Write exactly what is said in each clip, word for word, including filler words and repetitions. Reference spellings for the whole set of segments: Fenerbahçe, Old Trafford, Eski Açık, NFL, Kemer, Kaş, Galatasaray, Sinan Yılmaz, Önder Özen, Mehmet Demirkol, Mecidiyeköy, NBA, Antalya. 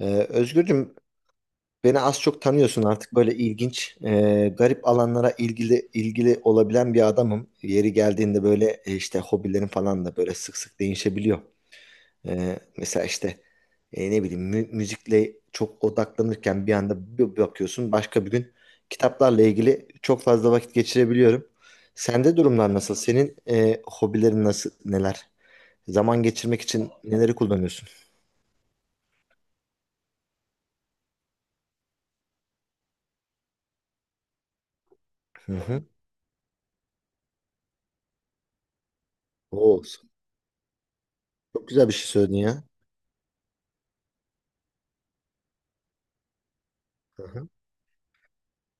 Ee, Özgürcüm, beni az çok tanıyorsun artık. Böyle ilginç, e, garip alanlara ilgili ilgili olabilen bir adamım. Yeri geldiğinde böyle e, işte hobilerim falan da böyle sık sık değişebiliyor. Ee, mesela işte e, ne bileyim, mü- müzikle çok odaklanırken bir anda bir bakıyorsun başka bir gün kitaplarla ilgili çok fazla vakit geçirebiliyorum. Sende durumlar nasıl? Senin e, hobilerin nasıl, neler? Zaman geçirmek için neleri kullanıyorsun? Hı hı. Oo, çok güzel bir şey söyledin ya.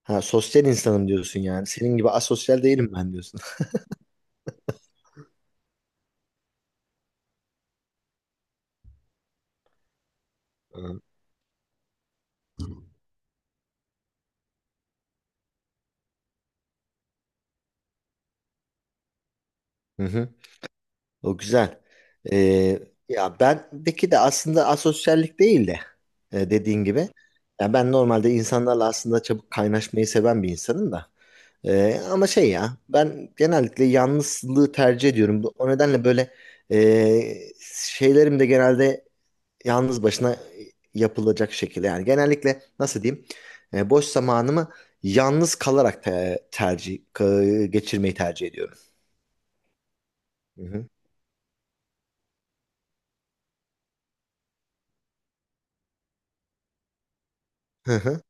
Ha, sosyal insanım diyorsun yani. Senin gibi asosyal değilim ben diyorsun. Hı hı. O güzel. Ee, Ya, bendeki de aslında asosyallik değil de e, dediğin gibi. Ya ben normalde insanlarla aslında çabuk kaynaşmayı seven bir insanım da. Ee, ama şey, ya ben genellikle yalnızlığı tercih ediyorum. Bu- O nedenle böyle e, şeylerim de genelde yalnız başına e, yapılacak şekilde, yani genellikle nasıl diyeyim, e, boş zamanımı yalnız kalarak te- tercih ka- geçirmeyi tercih ediyorum. Hı hı. Hı hı.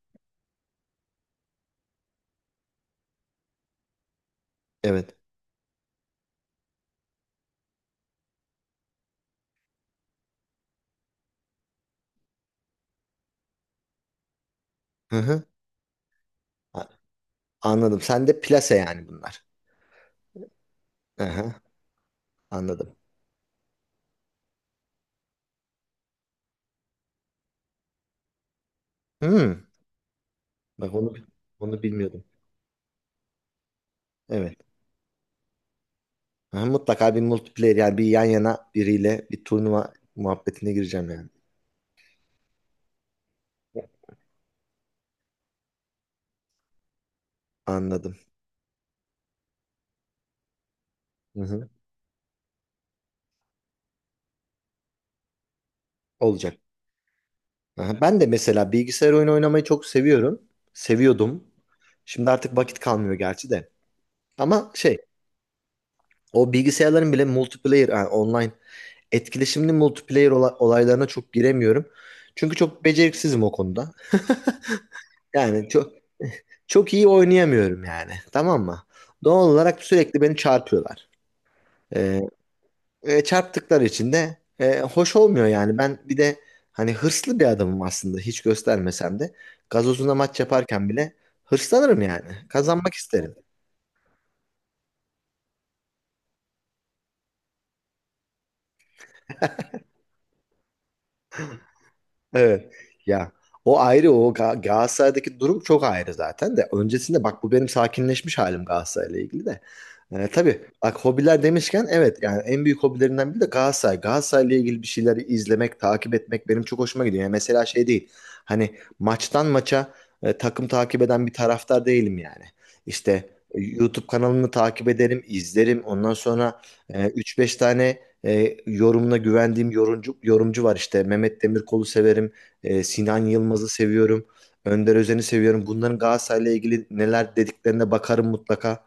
Evet. Hı hı. A- Anladım. Sen de plase yani bunlar. Hı hı. Anladım. Hmm. Bak, onu onu bilmiyordum. Evet. Ha, mutlaka bir multiplayer, yani bir yan yana biriyle bir turnuva muhabbetine gireceğim yani. Anladım. Hı hı. Olacak. Aha, ben de mesela bilgisayar oyunu oynamayı çok seviyorum. Seviyordum. Şimdi artık vakit kalmıyor gerçi de. Ama şey, o bilgisayarların bile multiplayer, yani online etkileşimli multiplayer ola- olaylarına çok giremiyorum. Çünkü çok beceriksizim o konuda. Yani çok çok iyi oynayamıyorum yani. Tamam mı? Doğal olarak sürekli beni çarpıyorlar. Ee, e, çarptıkları için de e, hoş olmuyor yani. Ben bir de hani hırslı bir adamım aslında, hiç göstermesem de. Gazozuna maç yaparken bile hırslanırım yani. Kazanmak isterim. Evet. Ya, o ayrı, o Ga- Galatasaray'daki durum çok ayrı zaten de. Öncesinde bak, bu benim sakinleşmiş halim Galatasaray'la ilgili de. Ee, tabii bak, hobiler demişken, evet, yani en büyük hobilerinden biri de Galatasaray. Galatasaray'la ilgili bir şeyleri izlemek, takip etmek benim çok hoşuma gidiyor. Yani mesela şey değil. Hani maçtan maça e, takım takip eden bir taraftar değilim yani. İşte e, YouTube kanalını takip ederim, izlerim. Ondan sonra e, üç beş tane e, yorumuna güvendiğim yorumcu, yorumcu var işte. Mehmet Demirkol'u severim. E, Sinan Yılmaz'ı seviyorum. Önder Özen'i seviyorum. Bunların Galatasaray'la ilgili neler dediklerine bakarım mutlaka.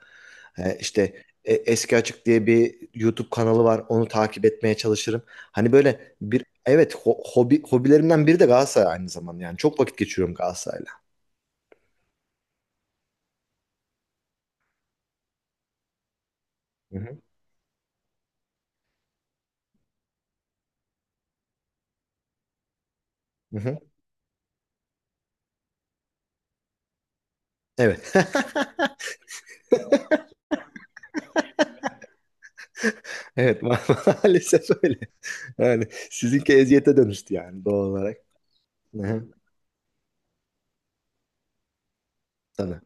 E, işte e, Eski Açık diye bir YouTube kanalı var. Onu takip etmeye çalışırım. Hani böyle bir, evet, ho- hobi hobilerimden biri de Galatasaray aynı zamanda. Yani çok vakit geçiriyorum Galatasaray'la. Hı hı. Hı hı. Evet. Evet, ma- maalesef öyle. Yani sizinki eziyete dönüştü yani, doğal olarak. Hı hı. Tabii.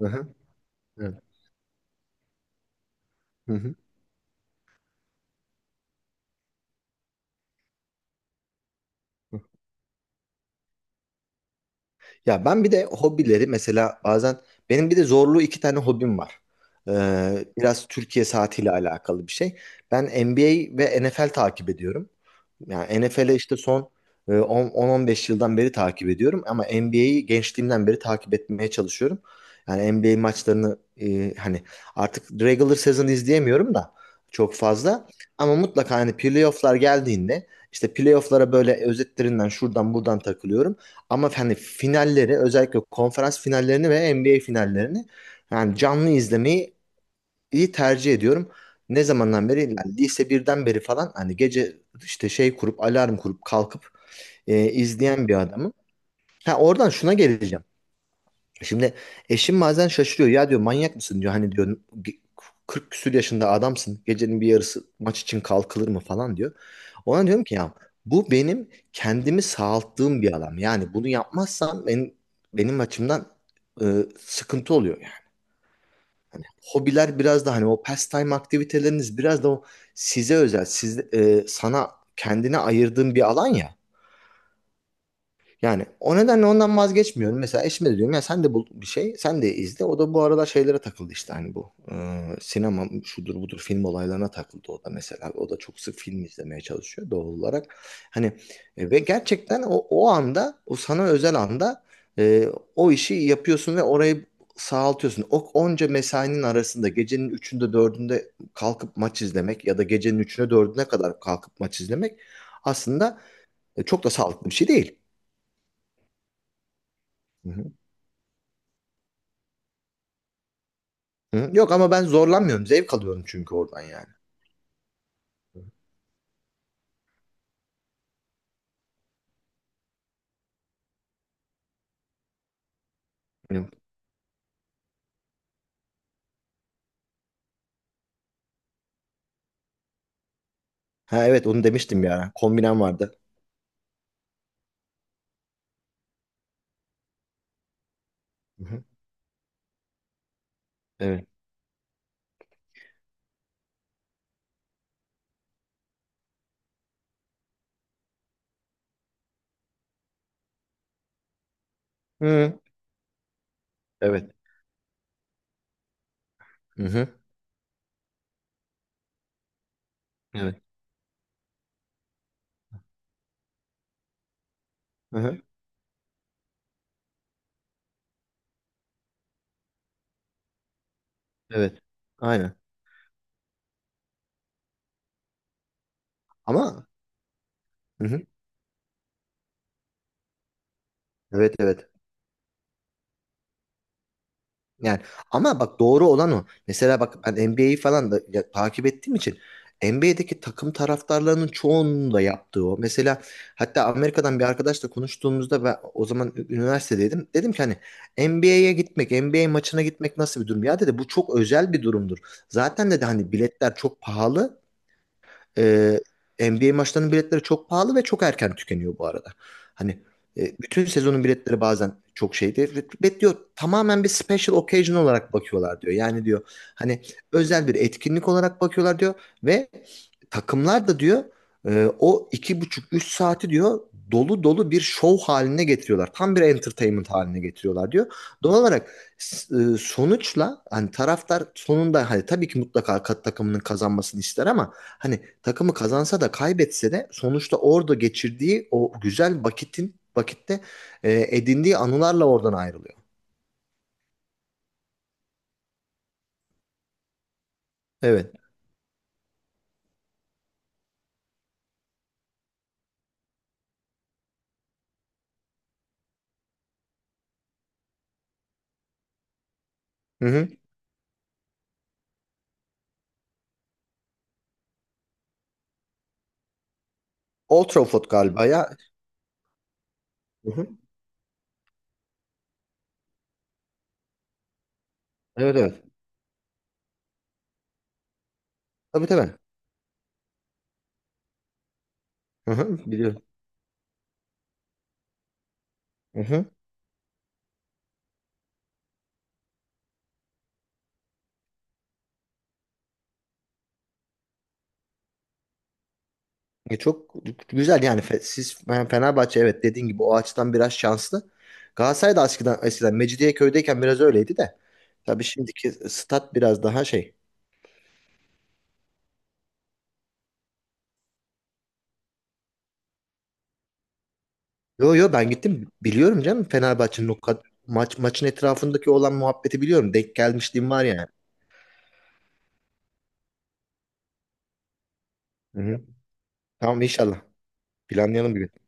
Hı. Evet. Hı hı. Ya ben bir de hobileri mesela bazen, benim bir de zorluğu, iki tane hobim var. Ee, biraz Türkiye saatiyle alakalı bir şey. Ben N B A ve N F L takip ediyorum. Yani N F L'i işte son e, on on on beş yıldan beri takip ediyorum, ama N B A'yi gençliğimden beri takip etmeye çalışıyorum. Yani N B A maçlarını e, hani artık regular season izleyemiyorum da çok fazla, ama mutlaka hani playoff'lar geldiğinde, işte playoff'lara böyle özetlerinden şuradan buradan takılıyorum. Ama hani finalleri, özellikle konferans finallerini ve N B A finallerini yani canlı izlemeyi iyi tercih ediyorum. Ne zamandan beri? Yani lise birden beri falan, hani gece işte şey kurup, alarm kurup kalkıp e, izleyen bir adamım. Ha, oradan şuna geleceğim. Şimdi eşim bazen şaşırıyor. Ya, diyor, manyak mısın, diyor. Hani diyor, "ge- kırk küsür yaşında adamsın. Gecenin bir yarısı maç için kalkılır mı," falan diyor. Ona diyorum ki, ya, bu benim kendimi sağalttığım bir alan. Yani bunu yapmazsam, benim, benim açımdan e, sıkıntı oluyor yani. Hobiler biraz da hani o pastime aktiviteleriniz, biraz da o size özel, siz, e, sana, kendine ayırdığın bir alan ya. Yani o nedenle ondan vazgeçmiyorum. Mesela eşime de diyorum ya, sen de bul bir şey, sen de izle. O da bu aralar şeylere takıldı işte, hani bu e, sinema şudur budur, film olaylarına takıldı o da mesela. O da çok sık film izlemeye çalışıyor doğal olarak. Hani e, ve gerçekten o, o anda, o sana özel anda e, o işi yapıyorsun ve orayı sağaltıyorsun. O onca mesainin arasında gecenin üçünde dördünde kalkıp maç izlemek ya da gecenin üçüne dördüne kadar kalkıp maç izlemek aslında e, çok da sağlıklı bir şey değil. Hı? Yok, ama ben zorlanmıyorum. Zevk alıyorum çünkü oradan yani. Hı. Ha, evet, onu demiştim ya. Kombinem vardı. Hı-hı. Evet. Hı. Evet. Hı-hı. Evet. Hı-hı. Evet. Aynen. Ama. Hı-hı. Evet, evet. Yani, ama bak, doğru olan o. Mesela bak, ben N B A'yi falan da ya- takip ettiğim için, N B A'deki takım taraftarlarının çoğunun da yaptığı o. Mesela hatta Amerika'dan bir arkadaşla konuştuğumuzda, ben o zaman ü- üniversitedeydim. Dedim ki hani, N B A'ye gitmek, N B A maçına gitmek nasıl bir durum? Ya, dedi, bu çok özel bir durumdur. Zaten, dedi, hani biletler çok pahalı. Ee, N B A maçlarının biletleri çok pahalı ve çok erken tükeniyor bu arada. Hani e, bütün sezonun biletleri bazen çok şeydi. Ve ve diyor, tamamen bir special occasion olarak bakıyorlar diyor. Yani, diyor, hani özel bir etkinlik olarak bakıyorlar diyor ve takımlar da diyor e, o iki buçuk üç saati diyor dolu dolu bir show haline getiriyorlar. Tam bir entertainment haline getiriyorlar diyor. Doğal olarak S- e, sonuçla hani taraftar sonunda, hani tabii ki mutlaka ka- takımının kazanmasını ister, ama hani takımı kazansa da kaybetse de sonuçta orada geçirdiği o güzel vakitin vakitte e, edindiği anılarla oradan ayrılıyor. Evet. Hı hı. Old Trafford galiba ya. Hı hı. Evet, evet. Tabii, tabii. Hı hı. Biliyorum. Hı hı. E, Çok güzel yani, Fe- siz yani Fenerbahçe, evet, dediğin gibi o açıdan biraz şanslı. Galatasaray da eskiden, eskiden Mecidiyeköy'deyken biraz öyleydi de. Tabii şimdiki stat biraz daha şey. Yo yo, ben gittim, biliyorum canım, Fenerbahçe'nin o kad- maç maçın etrafındaki olan muhabbeti biliyorum. Denk gelmişliğim var yani. Hı-hı. Tamam, inşallah. Planlayalım bir gün.